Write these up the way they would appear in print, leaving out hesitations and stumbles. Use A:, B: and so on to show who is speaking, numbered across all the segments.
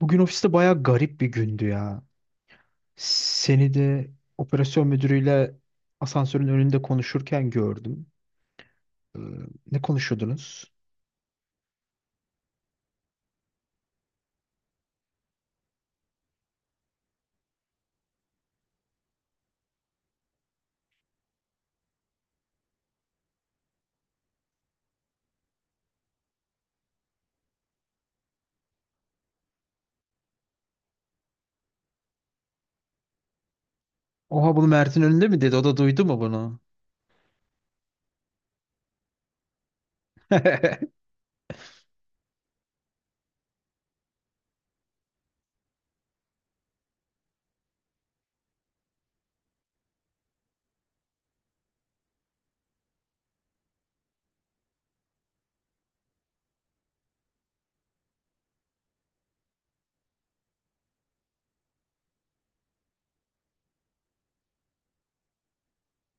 A: Bugün ofiste bayağı garip bir gündü ya. Seni de operasyon müdürüyle asansörün önünde konuşurken gördüm. Ee, ne konuşuyordunuz? Oha, bunu Mert'in önünde mi dedi? O da duydu mu bunu?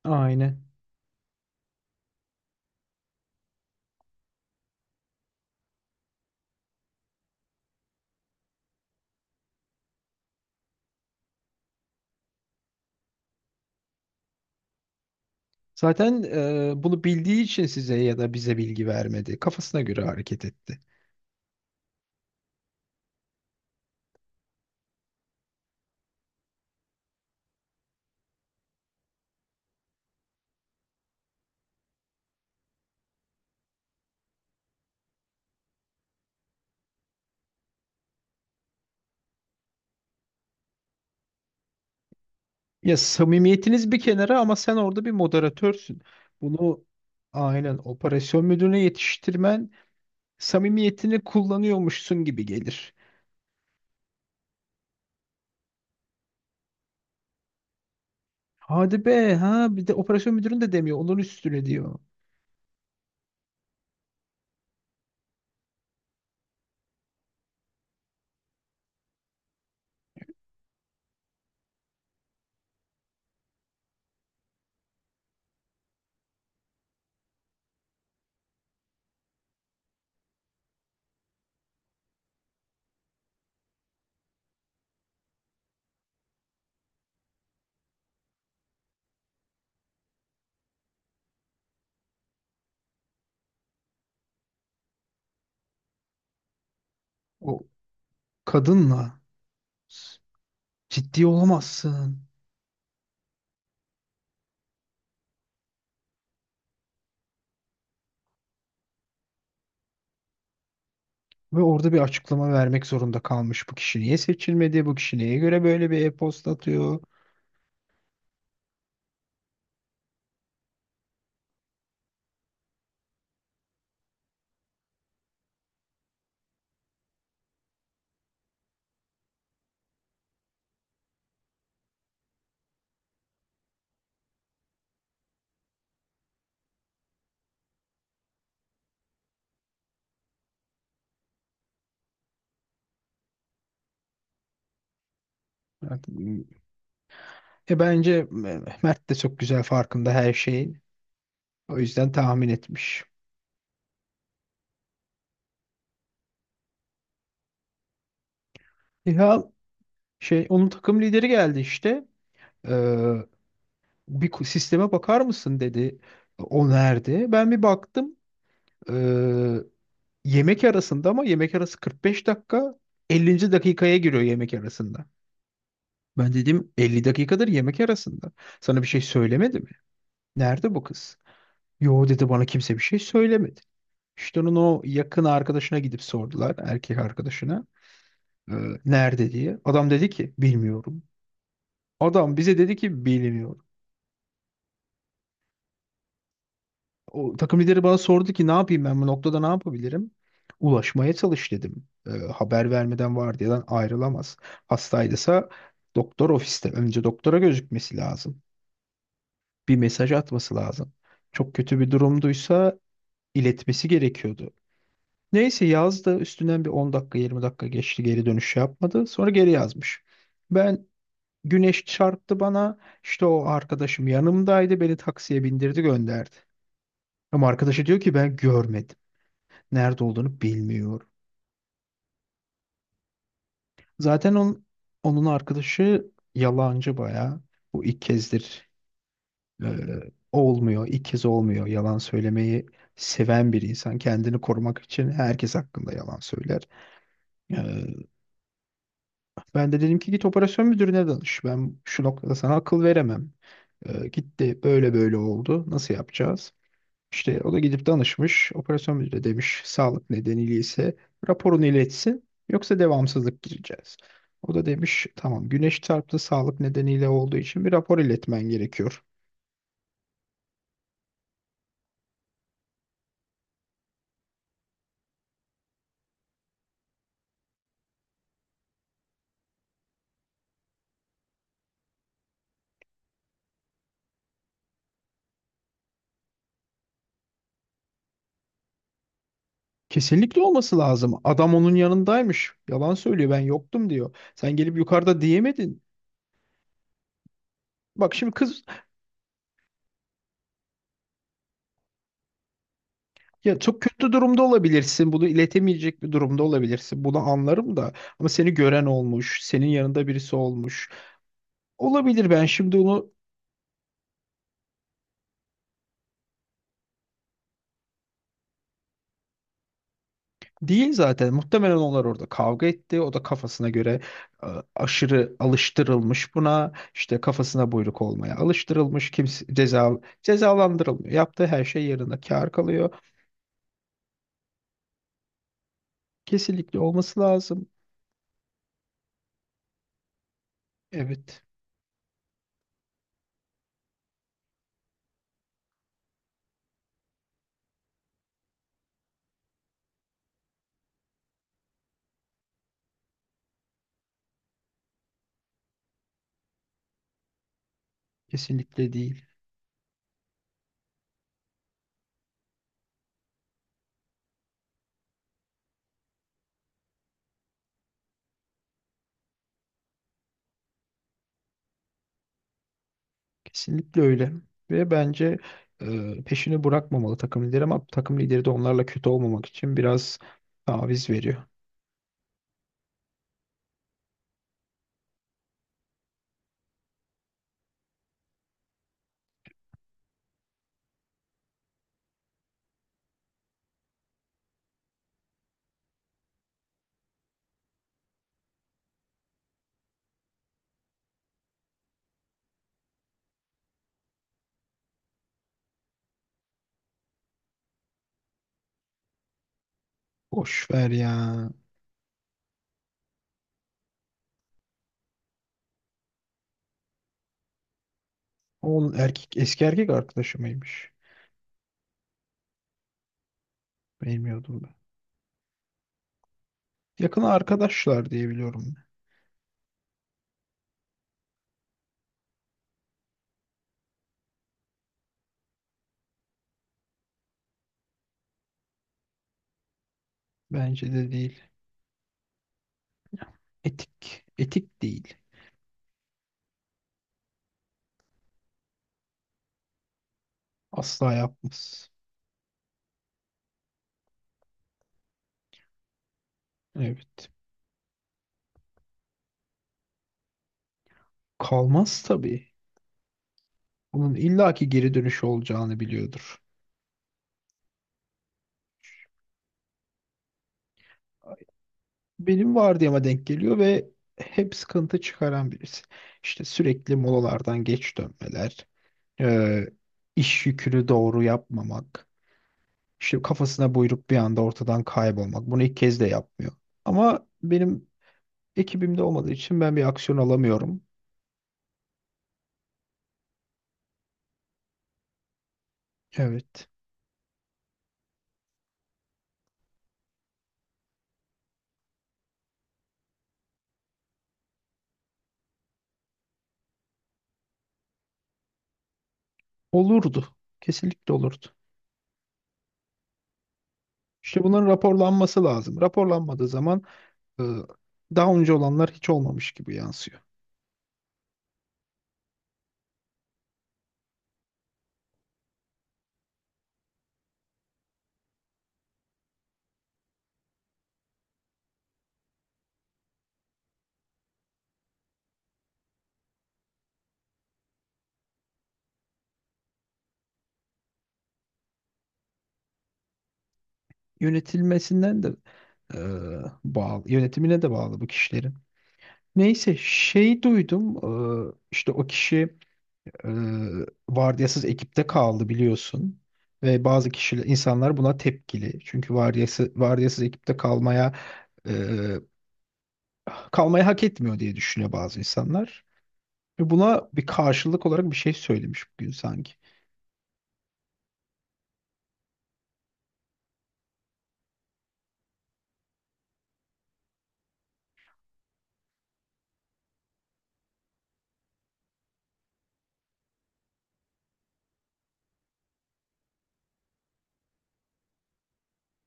A: Aynen. Zaten bunu bildiği için size ya da bize bilgi vermedi. Kafasına göre hareket etti. Ya, samimiyetiniz bir kenara ama sen orada bir moderatörsün. Bunu aynen operasyon müdürüne yetiştirmen samimiyetini kullanıyormuşsun gibi gelir. Hadi be ha, bir de operasyon müdürün de demiyor. Onun üstüne diyor. O kadınla ciddi olamazsın. Ve orada bir açıklama vermek zorunda kalmış. Bu kişi niye seçilmedi? Bu kişi neye göre böyle bir e-posta atıyor? Yani, bence Mert de çok güzel farkında her şeyin. O yüzden tahmin etmiş. Ya şey, onun takım lideri geldi işte. Ee, bir sisteme bakar mısın dedi. O nerede? Ben bir baktım. Ee, yemek arasında, ama yemek arası 45 dakika, 50. dakikaya giriyor yemek arasında. Ben dedim 50 dakikadır yemek arasında. Sana bir şey söylemedi mi? Nerede bu kız? Yo dedi, bana kimse bir şey söylemedi. İşte onun o yakın arkadaşına gidip sordular, erkek arkadaşına. Ee, nerede diye. Adam dedi ki bilmiyorum. Adam bize dedi ki bilmiyorum. O takım lideri bana sordu ki ne yapayım, ben bu noktada ne yapabilirim? Ulaşmaya çalış dedim. Haber vermeden vardiyadan ayrılamaz. Hastaydısa doktor ofiste, önce doktora gözükmesi lazım. Bir mesaj atması lazım. Çok kötü bir durumduysa iletmesi gerekiyordu. Neyse, yazdı üstünden bir 10 dakika 20 dakika geçti, geri dönüş yapmadı. Sonra geri yazmış. Ben güneş çarptı bana, işte o arkadaşım yanımdaydı, beni taksiye bindirdi gönderdi. Ama arkadaşı diyor ki ben görmedim. Nerede olduğunu bilmiyor. Zaten onun arkadaşı yalancı bayağı. Bu ilk kezdir e, olmuyor. İlk kez olmuyor. Yalan söylemeyi seven bir insan. Kendini korumak için herkes hakkında yalan söyler. E, ben de dedim ki git operasyon müdürüne danış. Ben şu noktada sana akıl veremem. Gitti böyle böyle oldu. Nasıl yapacağız? İşte o da gidip danışmış. Operasyon müdürü demiş sağlık nedeniyle ise raporunu iletsin, yoksa devamsızlık gireceğiz. O da demiş tamam, güneş çarptı, sağlık nedeniyle olduğu için bir rapor iletmen gerekiyor. Kesinlikle olması lazım. Adam onun yanındaymış. Yalan söylüyor, ben yoktum diyor. Sen gelip yukarıda diyemedin. Bak şimdi kız, ya çok kötü durumda olabilirsin. Bunu iletemeyecek bir durumda olabilirsin. Bunu anlarım da, ama seni gören olmuş, senin yanında birisi olmuş. Olabilir, ben şimdi onu. Değil zaten. Muhtemelen onlar orada kavga etti. O da kafasına göre e, aşırı alıştırılmış buna. İşte kafasına buyruk olmaya alıştırılmış. Kimse cezalandırılmıyor. Yaptığı her şey yerine kâr kalıyor. Kesinlikle olması lazım. Evet. Kesinlikle değil. Kesinlikle öyle. Ve bence peşini bırakmamalı takım lideri, ama takım lideri de onlarla kötü olmamak için biraz taviz veriyor. Boş ver ya. Onun eski erkek arkadaşı mıymış? Bilmiyordum ben. Yakın arkadaşlar diye biliyorum. Ben. Bence de değil. Etik. Etik değil. Asla yapmaz. Evet. Kalmaz tabii. Bunun illaki geri dönüşü olacağını biliyordur. Benim vardiyama denk geliyor ve hep sıkıntı çıkaran birisi. İşte sürekli molalardan geç dönmeler, e, iş yükünü doğru yapmamak, işte kafasına buyruk bir anda ortadan kaybolmak. Bunu ilk kez de yapmıyor. Ama benim ekibimde olmadığı için ben bir aksiyon alamıyorum. Evet. Olurdu. Kesinlikle olurdu. İşte bunların raporlanması lazım. Raporlanmadığı zaman e, daha önce olanlar hiç olmamış gibi yansıyor. Yönetilmesinden de e, bağlı, yönetimine de bağlı bu kişilerin. Neyse şey duydum, işte o kişi vardiyasız ekipte kaldı biliyorsun, ve bazı insanlar buna tepkili, çünkü vardiyasız ekipte kalmaya eee, kalmayı hak etmiyor diye düşünüyor bazı insanlar, ve buna bir karşılık olarak bir şey söylemiş bugün sanki.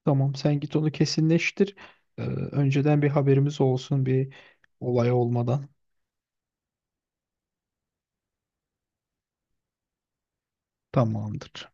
A: Tamam, sen git onu kesinleştir. Eee, önceden bir haberimiz olsun, bir olay olmadan. Tamamdır.